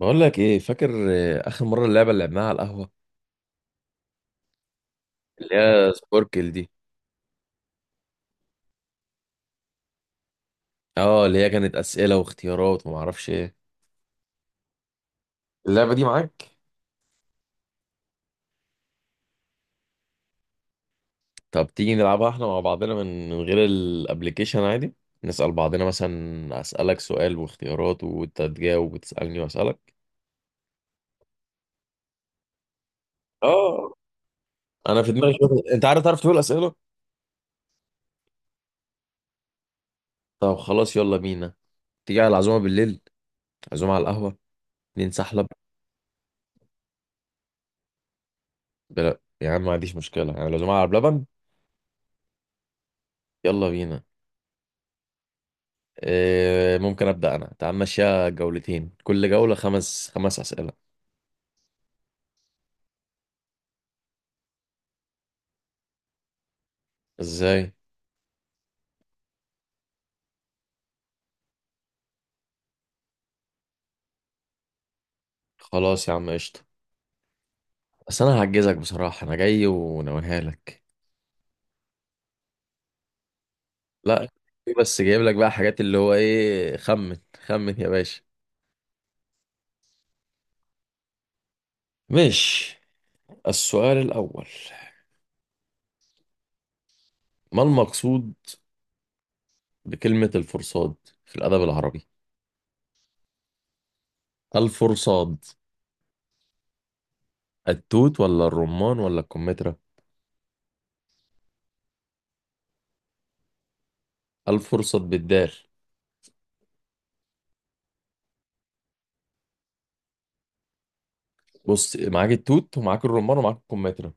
بقول لك ايه؟ فاكر آه، اخر مره اللعبه اللي لعبناها على القهوه، اللي هي سبوركل دي. اه، اللي هي كانت اسئله واختيارات وما اعرفش ايه. اللعبة دي معاك؟ طب تيجي نلعبها احنا مع بعضنا من غير الابليكيشن عادي. نسال بعضنا مثلا، اسالك سؤال واختيارات وانت تجاوب وتسالني واسالك. اه، انا في دماغي شويه، انت عارف تعرف تقول اسئله؟ طب خلاص، يلا بينا. تيجي على العزومه بالليل، عزومه على القهوه ننسحلب. بلا يا عم، ما عنديش مشكله، يعني العزومه على بلبن. يلا بينا. إيه، ممكن ابدا انا. تعال ماشيها جولتين، كل جوله خمس خمس اسئله. ازاي؟ خلاص يا عم، قشطه. بس انا هعجزك بصراحه، انا جاي وناويها لك. لا، بس جايب لك بقى حاجات اللي هو ايه، خمن. خمن يا باشا. مش... السؤال الاول: ما المقصود بكلمه الفرصاد في الادب العربي؟ الفرصاد، التوت ولا الرمان ولا الكمثرى؟ الفرصاد بالدال. بص، معاك التوت ومعاك الرمان ومعاك الكمثرى.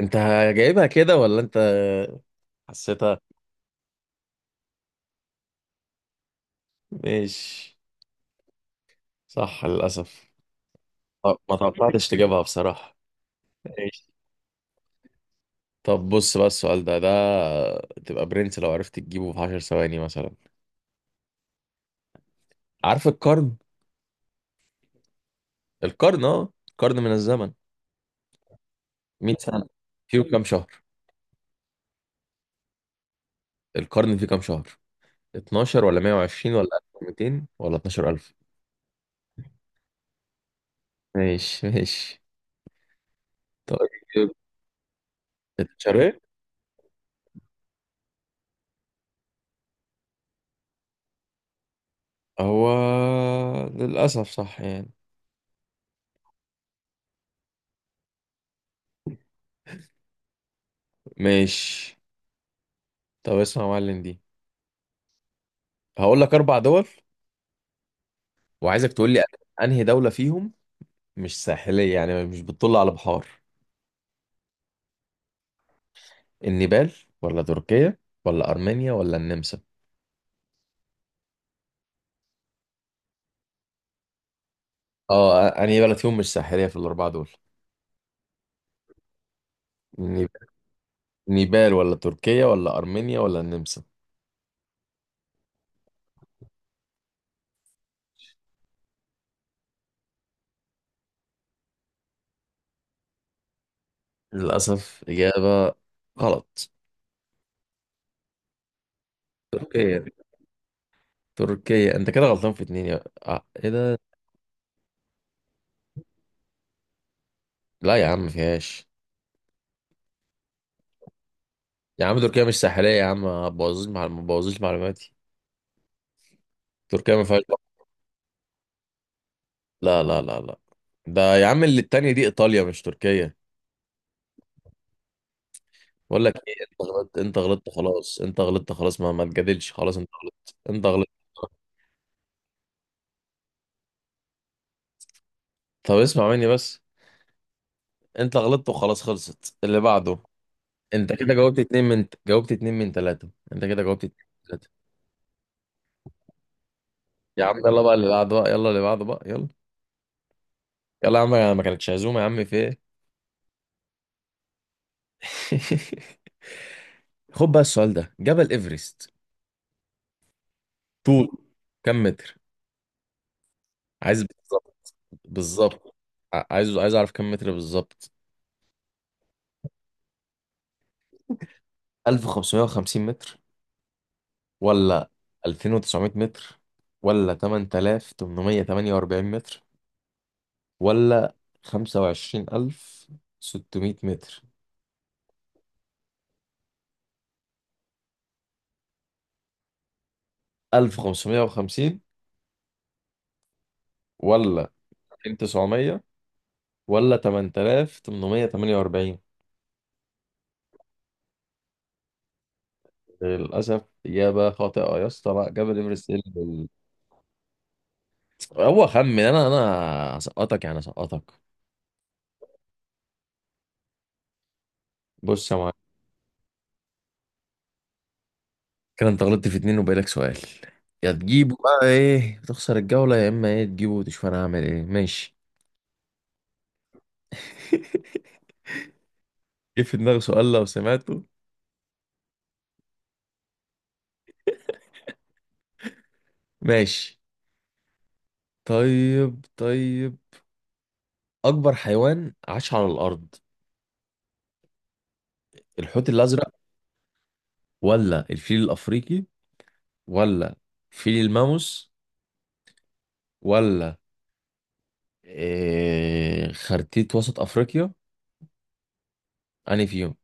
انت جايبها كده ولا انت حسيتها؟ ماشي. صح للاسف. طب ما توقعتش تجيبها بصراحه. ماشي. طب بص بقى السؤال ده تبقى برنس لو عرفت تجيبه في 10 ثواني مثلا. عارف القرن؟ القرن اه، قرن من الزمن 100 سنه. فيه كام شهر؟ القرن فيه كام شهر؟ 12 ولا 120 ولا 1200 ولا 12000؟ ماشي ماشي. طيب الشرق... هو للأسف صح يعني. ماشي. طب اسمع يا معلم دي، هقول لك اربع دول وعايزك تقول لي انهي دولة فيهم مش ساحلية، يعني مش بتطل على بحار. النيبال ولا تركيا ولا ارمينيا ولا النمسا؟ اه، انهي بلد فيهم مش ساحلية في الاربعة دول؟ النيب- نيبال ولا تركيا ولا ارمينيا ولا النمسا؟ للاسف اجابة غلط. تركيا، تركيا. انت كده غلطان في اتنين، يا آه، ايه ده. لا يا عم، ما فيهاش. يا عم تركيا مش ساحلية، يا عم ما تبوظيش، مع ما تبوظيش معلوماتي. تركيا ما فيهاش. لا لا لا لا، ده يا عم اللي التانية دي إيطاليا مش تركيا. بقول لك إيه، أنت غلطت، أنت غلطت خلاص، أنت غلطت خلاص، ما تجادلش خلاص، أنت غلطت، أنت غلطت. طب اسمع مني بس، أنت غلطت وخلاص، خلصت اللي بعده. أنت كده جاوبت اتنين من تلاتة، أنت كده جاوبت اتنين من تلاتة. يا عم يلا بقى اللي بعده بقى، يلا اللي بعده بقى، يلا. يلا يا عم، ما كانتش عزومة يا عم في إيه. خد بقى السؤال ده، جبل إيفرست طول كم متر؟ عايز بالظبط، بالظبط. عايز أعرف كم متر بالظبط. 1550 متر ولا 2900 متر ولا 8848 متر ولا 25600 متر؟ 1550 ولا 2900 ولا 8848؟ للأسف إجابة خاطئة يا اسطى. لا جبل إيفرست، إيه اللي... هو خمن، أنا هسقطك يعني، هسقطك. بص يا معلم. كده انت غلطت في اتنين وبقالك سؤال، يا تجيبه بقى ايه تخسر الجولة، يا اما ايه تجيبه وتشوف انا هعمل ايه. ماشي. جه في دماغي سؤال لو سمعته. ماشي. طيب طيب، اكبر حيوان عاش على الارض، الحوت الازرق ولا الفيل الافريقي ولا فيل الماموس ولا إيه، خرتيت وسط افريقيا؟ انهي فيهم؟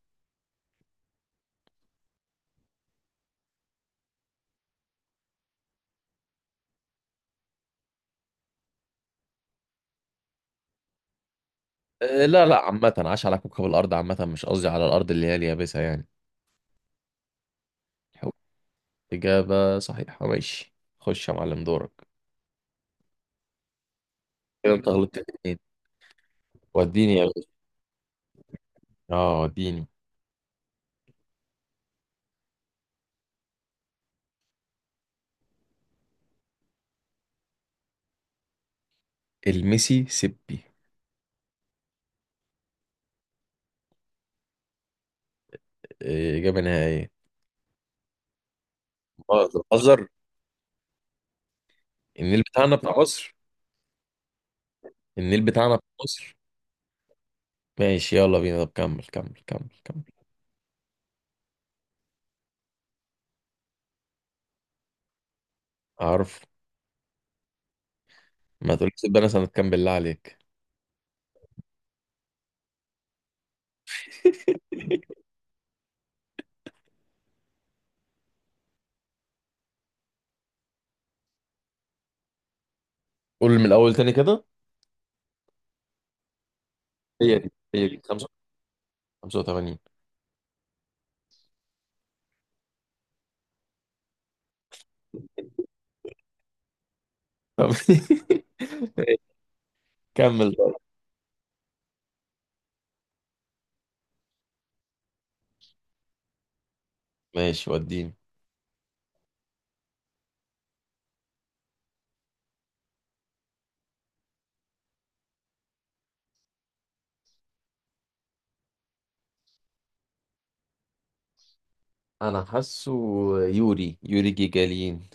إيه لا لا، عامة عاش على كوكب الارض عامة، مش قصدي على الارض اللي هي اليابسة يعني. إجابة صحيحة، ماشي. خش يا معلم دورك. كده أنت يلا غلطت اتنين، وديني يا باشا. اه وديني. الميسي سيبي. إيه، إجابة نهائية. اه، أنت بتهزر. النيل بتاعنا بتاع مصر. النيل بتاعنا بتاع مصر. ماشي يلا بينا، طب كمل كمل كمل كمل. عارف... ما تقولش سيبي، أنا سنة كام بالله عليك. قول من الأول تاني كده. هي دي هي دي 85. طب كمل. طيب. ماشي وديني. انا حاسه، يوري جيجالين.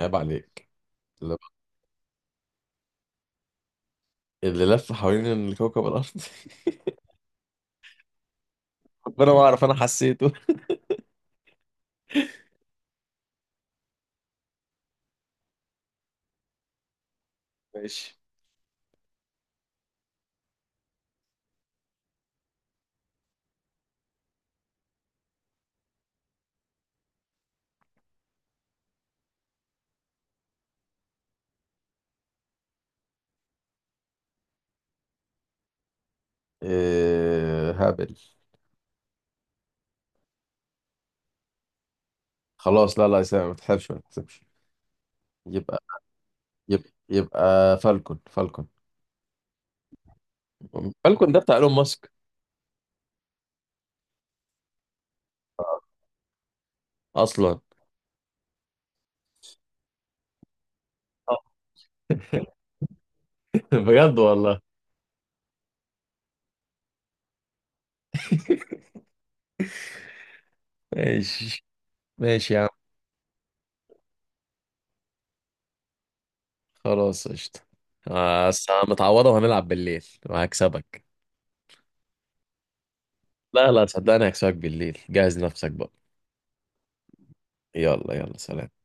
عيب عليك. اللي لف حوالين الكوكب الأرض. ربنا ما أعرف، أنا حسيته. ماشي. إيه هابل. خلاص، لا لا يا سامي، ما تحسبش ما تحسبش. يبقى... يبقى فالكون، فالكون. فالكون ده بتاع إيلون ماسك أصلا. آه. بجد والله. ماشي. ماشي يا عم. خلاص قشطة. آه، بس أنا متعوضة، وهنلعب بالليل وهكسبك. لا لا، صدقني هكسبك بالليل، جهز نفسك بقى. يلا يلا سلام.